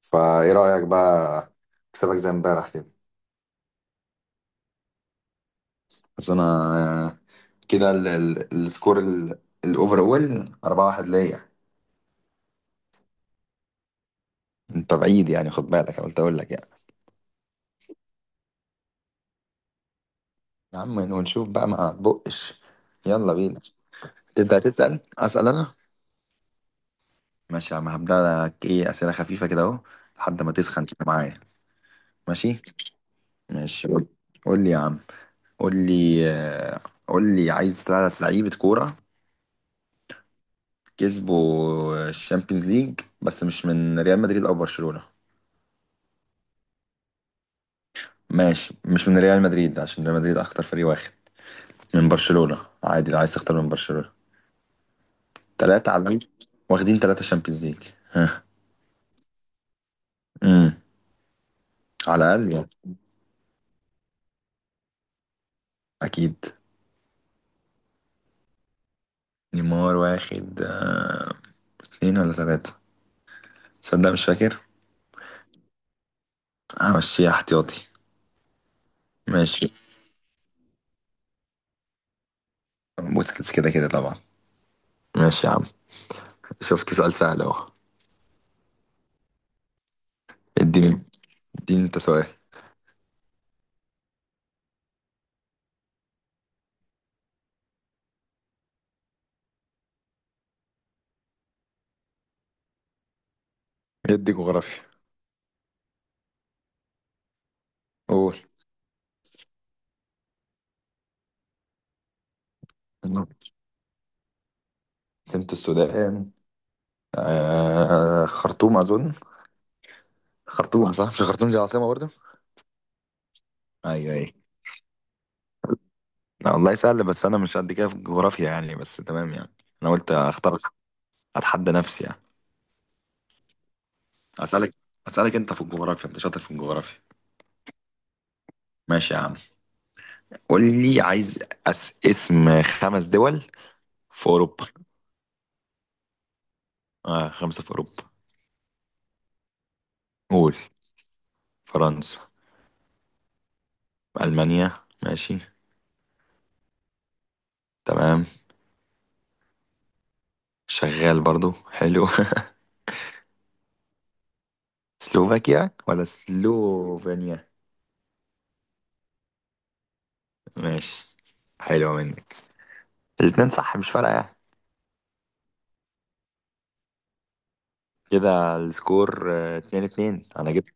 فايه رأيك بقى. اكسبك زي امبارح كده. بس انا آه، كده السكور الاوفر اول 4-1 ليا. انت بعيد يعني، خد بالك قلت اقول لك يعني. يا عم ونشوف بقى ما تبقش. يلا بينا. تبدأ تسأل. اسأل انا. ماشي يا عم، هبدأ لك ايه اسئلة خفيفة كده اهو لحد ما تسخن كده معايا. ماشي. ماشي. قول. قول لي يا عم. قول لي. قول لي عايز ثلاث لعيبة كورة كسبوا الشامبيونز ليج، بس مش من ريال مدريد او برشلونة. ماشي، مش من ريال مدريد عشان ريال مدريد اخطر فريق واخد. من برشلونة عادي لو عايز تختار من برشلونة. تلاتة على الأقل واخدين تلاتة شامبيونز ليج، ها. امم. على الأقل يعني. أكيد. نيمار واخد اتنين ولا تلاتة، تصدق مش فاكر. همشيها احتياطي. ماشي. بوسكيتس كده كده طبعا. ماشي يا عم، شفت سؤال سهل اهو. اديني. اديني انت سؤال. ادي جغرافيا. قول. سمت السودان؟ آه خرطوم أظن. خرطوم صح، مش خرطوم دي العاصمة برضه؟ ايوه ايوه. لا، والله سهل بس انا مش قد كده في الجغرافيا يعني، بس تمام يعني. انا قلت اختار. اتحدى نفسي يعني. اسالك. اسالك انت في الجغرافيا، انت شاطر في الجغرافيا. ماشي يا عم. قول لي عايز اسم خمس دول في اوروبا. اه خمسة في اوروبا. قول. فرنسا. المانيا. ماشي. تمام. شغال برضو، حلو. سلوفاكيا ولا سلوفينيا. ماشي، حلوة منك. الاتنين صح، مش فارقة يعني. كده السكور 2-2. انا جبت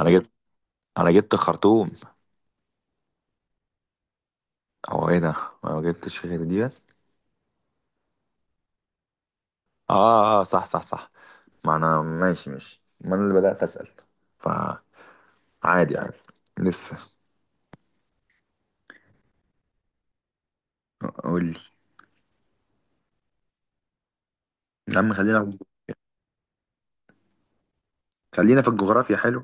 انا جبت انا جبت خرطوم. هو ايه ده، انا ما جبتش غير دي بس. اه. اه صح صح صح. ما انا ماشي ماشي، ما انا اللي بدأت اسأل فعادي. عادي. لسه. قول لي يا عم. خلينا. خلينا في الجغرافيا، حلو.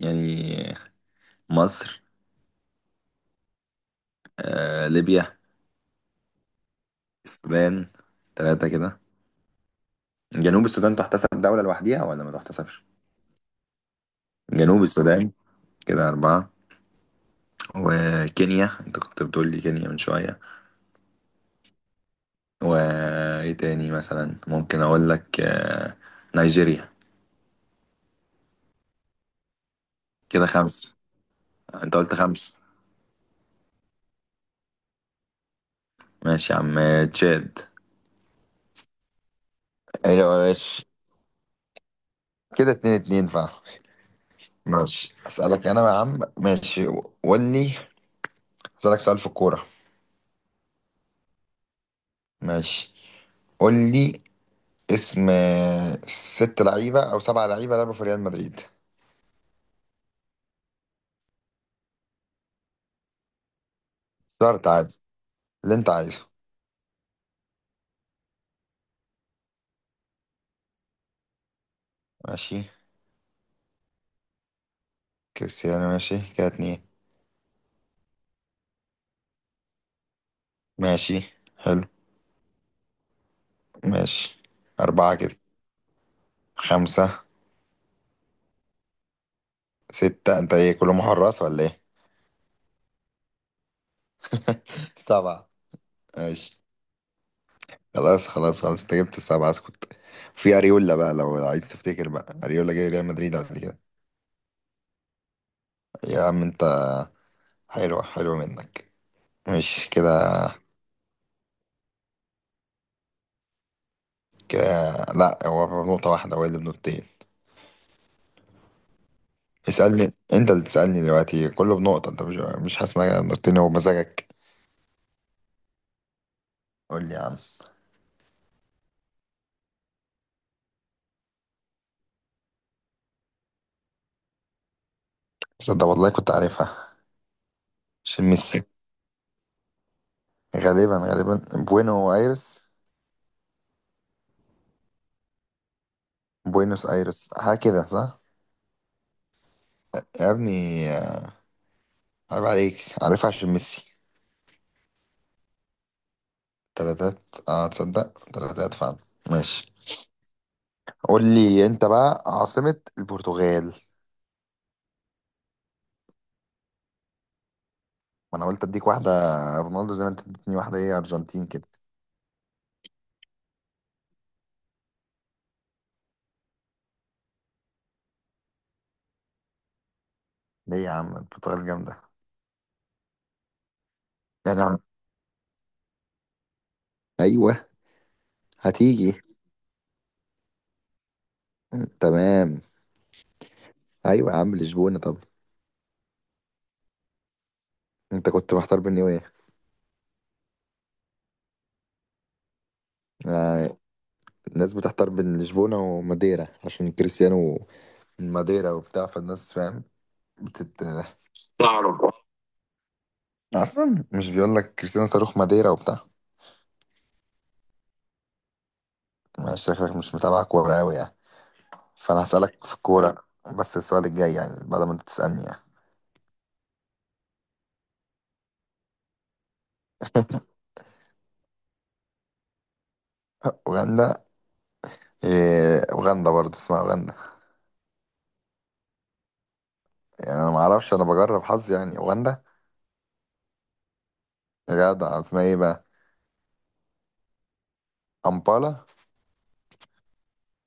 يعني مصر. آه ليبيا. السودان، ثلاثة كده. جنوب السودان تحتسب دولة لوحديها ولا ما تحتسبش؟ جنوب السودان، كده أربعة. وكينيا، أنت كنت بتقول لي كينيا من شوية. وايه تاني مثلا، ممكن اقول لك نيجيريا. كده خمس. انت قلت خمس. ماشي يا عم، تشاد. ايوه ماشي. كده 2-2 فعلا. ماشي اسألك انا يا عم، ماشي. قول لي. اسألك سؤال في الكورة. ماشي. قول لي. اسم ست لعيبة او سبع لعيبة لعبوا في ريال مدريد. اخترت، عادي اللي انت عايزه. ماشي. كريستيانو، ماشي كده اتنين. ماشي. حلو. ماشي. اربعة كده. خمسة. ستة. انت ايه، كله محرص ولا ايه؟ سبعة. ماشي. خلاص خلاص خلاص انت جبت السبعة، اسكت. في اريولا بقى لو عايز تفتكر بقى، اريولا جاي ريال مدريد قبل كده. يا عم انت. حلوة حلوة منك. ماشي كده كده. لا هو بنقطة واحدة، هو اللي بنقطتين. اسألني. انت اللي تسألني دلوقتي، كله بنقطة. انت مش هسمع نقطتين، هو مزاجك. قول لي يا عم. صدق والله كنت عارفها. عشان ميسي. غالبا غالبا. بوينو ايرس. بوينوس ايرس حاجة كده، صح؟ يا ابني. عيب عليك، عارفها عشان ميسي. 3-3. اه تصدق 3-3 فعلا. ماشي. قول لي انت بقى عاصمة البرتغال. ما انا قلت اديك واحدة. رونالدو، زي ما انت اديتني واحدة ايه، ارجنتين كده. ليه يا عم، البرتغال جامدة. يا نعم. ايوه. هتيجي. تمام. ايوه يا عم لشبونة، طب. انت كنت محتار بين ايه؟ آه، الناس بتحتار بين لشبونة وماديرا عشان كريستيانو من ماديرا وبتاع، فالناس فاهم. بتت. تعرف. اصلا مش بيقول لك كريستيانو صاروخ ماديرا وبتاع. ما شكلك مش متابع كورة أوي يعني. فأنا هسألك في الكورة، بس السؤال الجاي يعني بعد ما أنت تسألني يعني. أوغندا. إيه أوغندا برضه اسمها أوغندا؟ يعني أنا معرفش، أنا بجرب حظي يعني، أوغندا. جدع اسمها إيه بقى؟ أمبالا.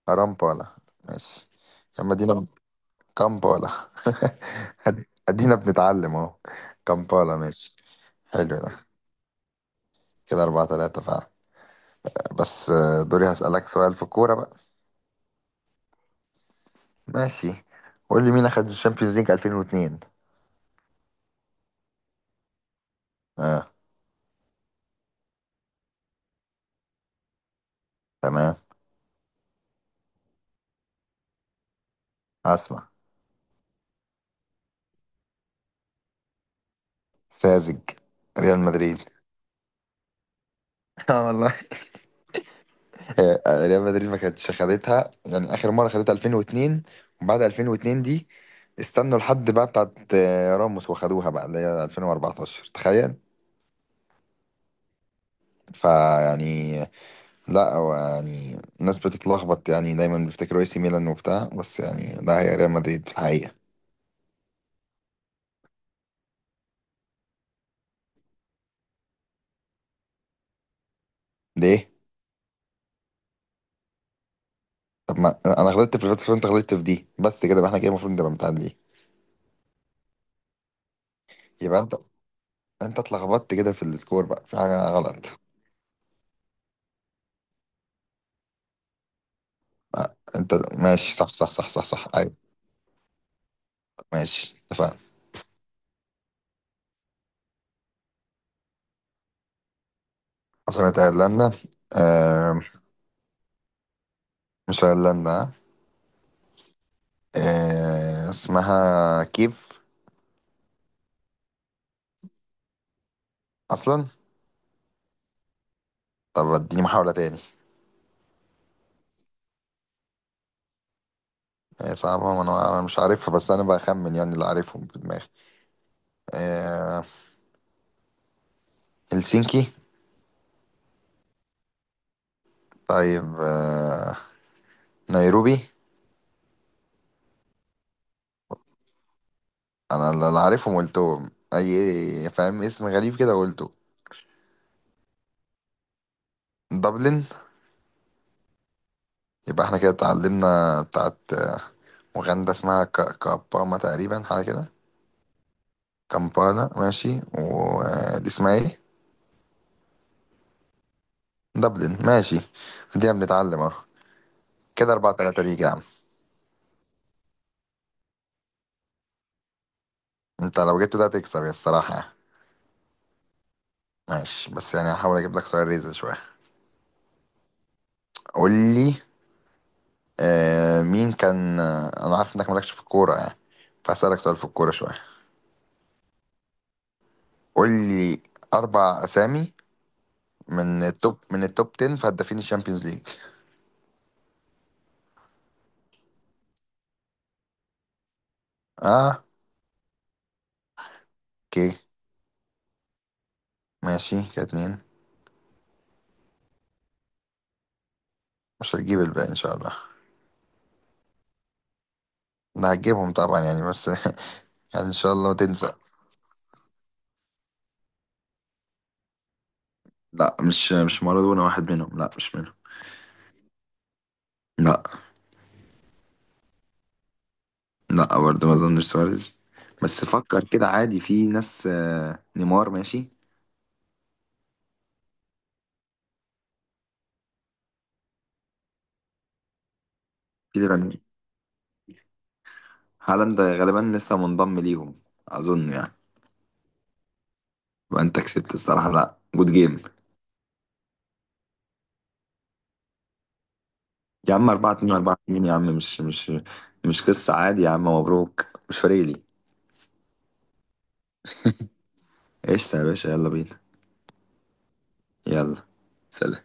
أرامبالا. ماشي. يا مدينة. كامبالا. أد- أدينا بنتعلم أهو. كامبالا ماشي. حلو ده. كده 4-3 فعلا. بس دوري هسألك سؤال في الكورة بقى. ماشي. قول لي مين أخد الشامبيونز ليج 2002. اه. تمام. اسمع. ساذج. ريال مدريد. اه والله. ريال مدريد ما كانتش خدتها يعني، اخر مره خدتها 2002. وبعد 2002 دي استنوا لحد بقى بتاعت راموس وخدوها بقى اللي هي 2014، تخيل. فيعني. لا هو يعني الناس بتتلخبط يعني، دايما بيفتكروا اي سي ميلان وبتاع، بس يعني لا هي ريال مدريد في الحقيقه. ليه؟ طب ما انا غلطت في الفتره، انت غلطت في دي بس كده، يبقى احنا كده المفروض نبقى متعادلين. يبقى انت. انت اتلخبطت كده في السكور بقى، في حاجه غلط. انت ماشي صح صح صح صح صح ايوه. ماشي اتفقنا. عاصمة ايرلندا. آه. مش ايرلندا. آه اسمها كيف؟ اصلا. طب اديني محاولة تاني. آه صعبة، ما انا أنا مش عارفها بس انا بخمن يعني اللي عارفهم في دماغي. آه. هلسنكي. طيب آه. نيروبي. انا اللي عارفهم قلتهم، اي فاهم اسم غريب كده قلته. دبلن. يبقى احنا كده اتعلمنا بتاعت وغندا اسمها كاباما تقريبا، حاجة كده. كامبالا ماشي، ودي اسمها ايه؟ دبلن ماشي. دي بنتعلم اهو. كده 4-3 ماشي ليك يا عم. انت لو جبت ده تكسب يا، الصراحة يعني. ماشي، بس يعني هحاول اجيب لك سؤال ريزل شوية. قول لي. آه مين كان. آه انا عارف انك مالكش في الكورة يعني، فاسألك سؤال في الكورة شوية. قول لي. اربع اسامي. من التوب 10 في هدافين الشامبيونز ليج. اه. اوكي. ماشي كده اتنين. مش هتجيب الباقي ان شاء الله. انا هتجيبهم طبعا يعني بس. يعني ان شاء الله ما تنسى. لا مش مارادونا واحد منهم، لا مش منهم. لا. لا برضه، ما اظنش سواريز. بس فكر كده عادي في ناس، نيمار ماشي. في ليفاندو- هالاند غالبا لسه منضم ليهم، اظن يعني. يبقى انت كسبت الصراحه، لا جود جيم. يا عم 4-2، 4-2 يا عم، مش مش قصه، عادي يا عم، مبروك مش فارق لي. قشطه يا باشا، يلا بينا. يلا. سلام.